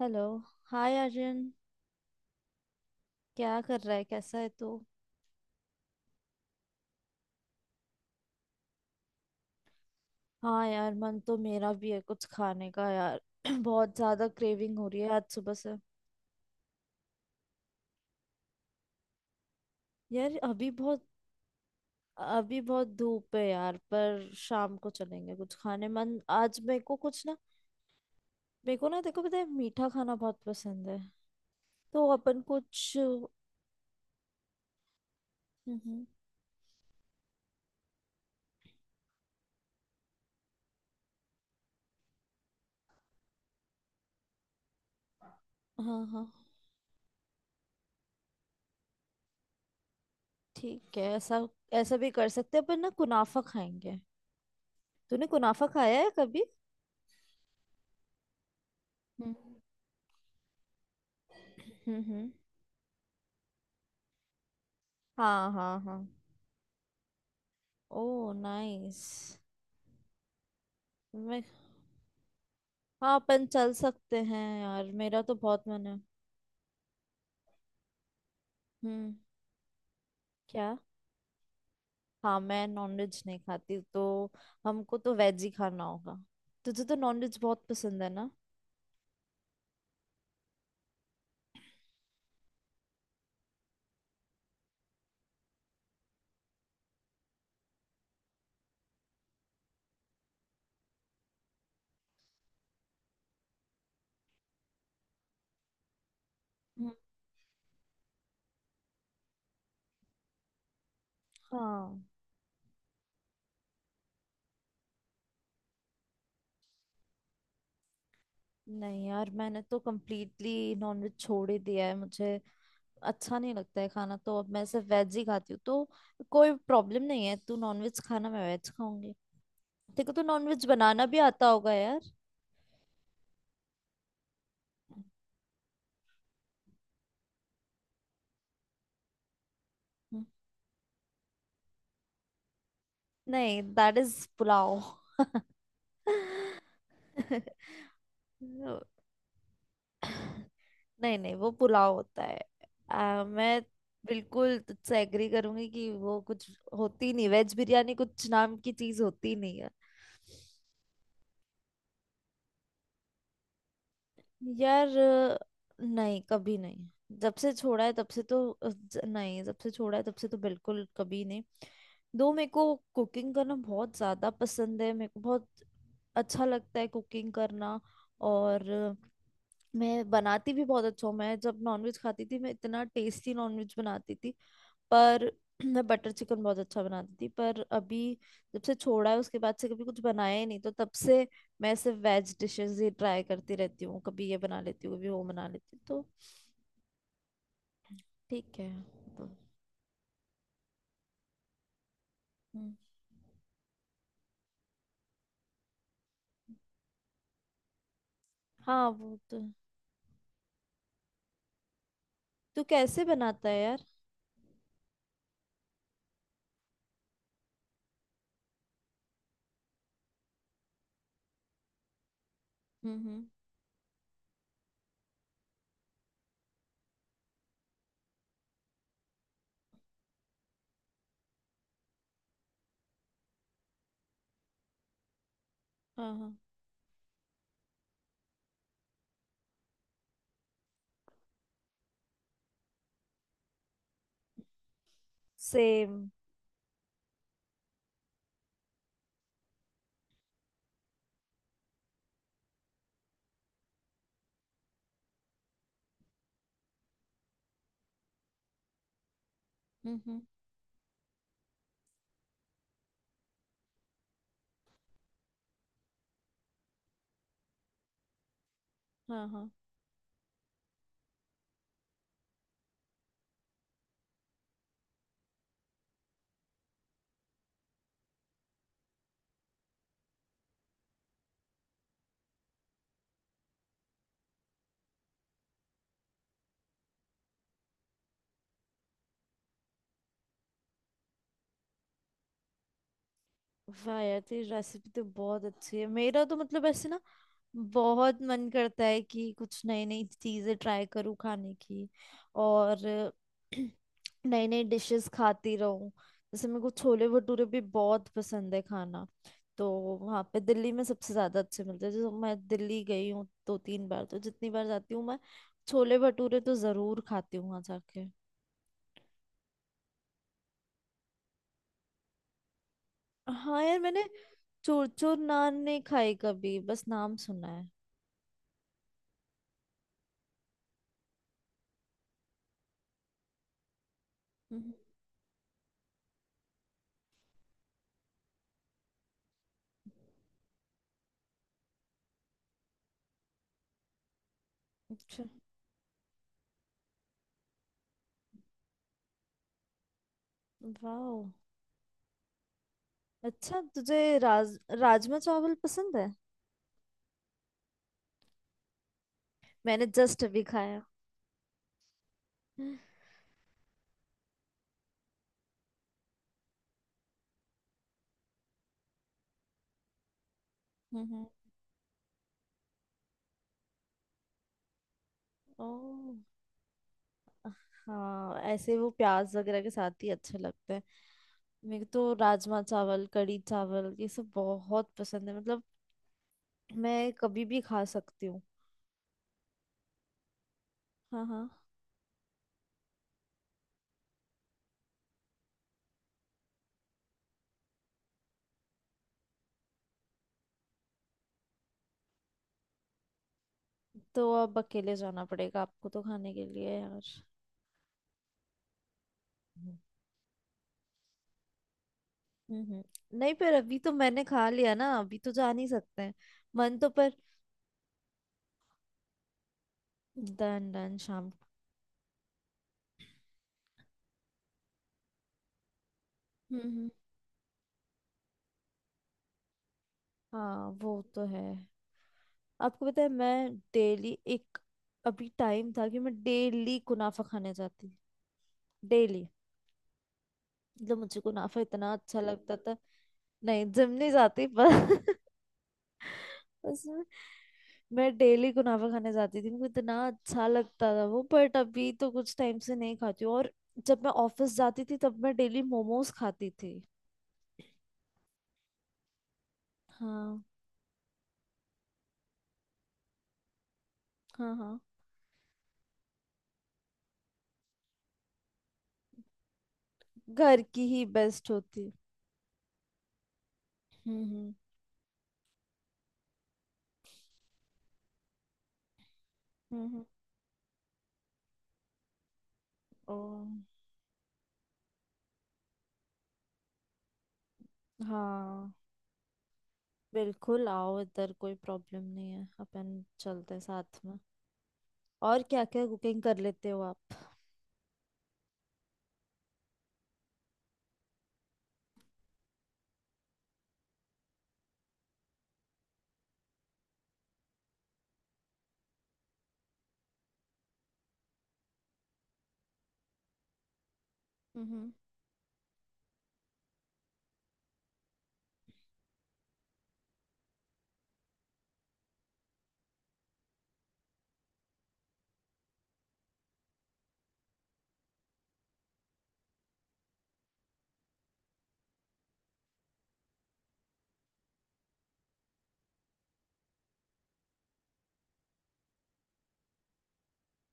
Hello. Hi Arjun. क्या कर रहा है, कैसा है तू। हाँ यार, मन तो मेरा भी है कुछ खाने का यार। बहुत ज्यादा क्रेविंग हो रही है आज सुबह से। यार अभी बहुत धूप है यार, पर शाम को चलेंगे कुछ खाने। मन आज मेरे को कुछ ना। मेरे को ना, देखो, पता है मीठा खाना बहुत पसंद है। तो अपन कुछ हम्म। हाँ हाँ, ठीक है। ऐसा ऐसा भी कर सकते हैं अपन ना, कुनाफा खाएंगे। तूने कुनाफा खाया है कभी। हम्म, हम्म हम्म। हाँ हाँ हाँ। Oh nice. मैं हाँ, अपन चल सकते हैं यार, मेरा तो बहुत मन है। हम्म। क्या। हाँ मैं नॉनवेज नहीं खाती, तो हमको तो वेज ही खाना होगा। तुझे तो नॉनवेज बहुत पसंद है ना। हम्म, हाँ। नहीं यार, मैंने तो कम्प्लीटली नॉनवेज छोड़ ही दिया है। मुझे अच्छा नहीं लगता है खाना, तो अब मैं सिर्फ वेज ही खाती हूँ। तो कोई प्रॉब्लम नहीं है, तू नॉनवेज खाना, मैं वेज खाऊंगी। देखो, तो नॉनवेज बनाना भी आता होगा यार। हम्म। नहीं, दैट इज पुलाव। नहीं नहीं, वो पुलाव होता है। मैं बिल्कुल तुझसे एग्री करूंगी कि वो कुछ होती नहीं, वेज बिरयानी कुछ नाम की चीज होती नहीं है। यार, नहीं कभी नहीं। जब से छोड़ा है तब से तो नहीं, जब से छोड़ा है तब से तो बिल्कुल कभी नहीं। दो मेरे को कुकिंग करना बहुत ज्यादा पसंद है। मेरे को बहुत अच्छा लगता है कुकिंग करना। और मैं बनाती भी बहुत अच्छा हूँ। मैं जब नॉनवेज खाती थी, मैं इतना टेस्टी नॉनवेज बनाती थी। पर मैं बटर चिकन बहुत अच्छा बनाती थी, पर अभी जब से छोड़ा है उसके बाद से कभी कुछ बनाया ही नहीं। तो तब से मैं सिर्फ वेज डिशेस ही ट्राई करती रहती हूँ, कभी ये बना लेती हूँ, कभी वो बना लेती हूँ। तो ठीक है। तो, हम्म, हाँ वो तो। तू कैसे बनाता है यार। हम्म। हाँ हाँ। सेम। हम्म। हाँ हाँ। वाह यार, तेरी रेसिपी तो बहुत अच्छी है। मेरा तो मतलब ऐसे ना, बहुत मन करता है कि कुछ नई नई चीजें ट्राई करूँ खाने की। और नई नई डिशेस खाती रहूँ। जैसे मेरे को छोले भटूरे भी बहुत पसंद है खाना। तो वहाँ पे दिल्ली में सबसे ज्यादा अच्छे मिलते हैं। जैसे मैं दिल्ली गई हूँ दो तीन बार, तो जितनी बार जाती हूँ मैं, छोले भटूरे तो जरूर खाती हूँ वहाँ जाके। हाँ यार, मैंने चूर चूर नान नहीं खाई कभी, बस नाम सुना है। हम्म। अच्छा। वाओ। अच्छा, तुझे राजमा चावल पसंद है। मैंने जस्ट अभी खाया। हम्म। ओ। हाँ ऐसे वो प्याज वगैरह के साथ ही अच्छे लगते हैं। मेरे को तो राजमा चावल, कढ़ी चावल, ये सब बहुत पसंद है। मतलब मैं कभी भी खा सकती हूँ। हाँ हाँ। तो अब अकेले जाना पड़ेगा आपको तो खाने के लिए यार। हम्म हम्म। नहीं, पर अभी तो मैंने खा लिया ना, अभी तो जा नहीं सकते हैं। मन तो पर डन डन, शाम को। हाँ वो तो है। आपको पता है, मैं डेली एक अभी टाइम था कि मैं डेली कुनाफा खाने जाती। डेली, मतलब मुझे कुनाफा इतना अच्छा लगता था। नहीं, जिम नहीं जाती पर उसमें मैं डेली कुनाफा खाने जाती थी, मुझे इतना अच्छा लगता था वो। बट अभी तो कुछ टाइम से नहीं खाती हूँ। और जब मैं ऑफिस जाती थी तब मैं डेली मोमोज खाती थी। हाँ हाँ हाँ। घर की ही बेस्ट होती। हम्म, हम्म हम्म। ओ। हाँ बिल्कुल आओ, इधर कोई प्रॉब्लम नहीं है। अपन चलते हैं साथ में। और क्या क्या कुकिंग कर लेते हो आप। हम्म।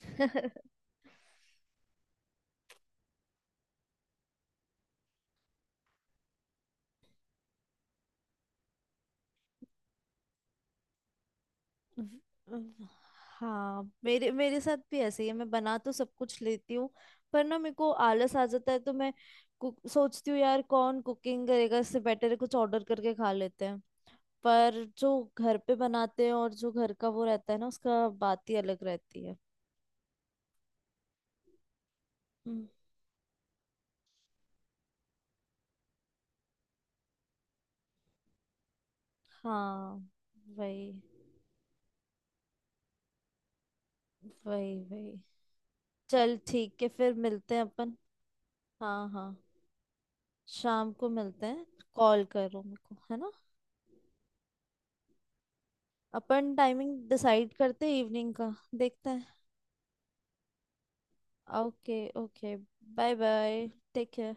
अम्म, हाँ, मेरे मेरे साथ भी ऐसे ही है। मैं बना तो सब कुछ लेती हूँ, पर ना मेरे को आलस आ जाता है। तो मैं कुक सोचती हूँ, यार कौन कुकिंग करेगा, इससे बेटर है कुछ ऑर्डर करके खा लेते हैं। पर जो घर पे बनाते हैं, और जो घर का वो रहता है ना, उसका बात ही अलग रहती है। हम्म। हाँ वही वही वही। चल ठीक है, फिर मिलते हैं अपन। हाँ हाँ। शाम को मिलते हैं। कॉल करो मेरे को, है ना। अपन टाइमिंग डिसाइड करते हैं, इवनिंग का देखते हैं। Okay okay. Bye bye. Take care.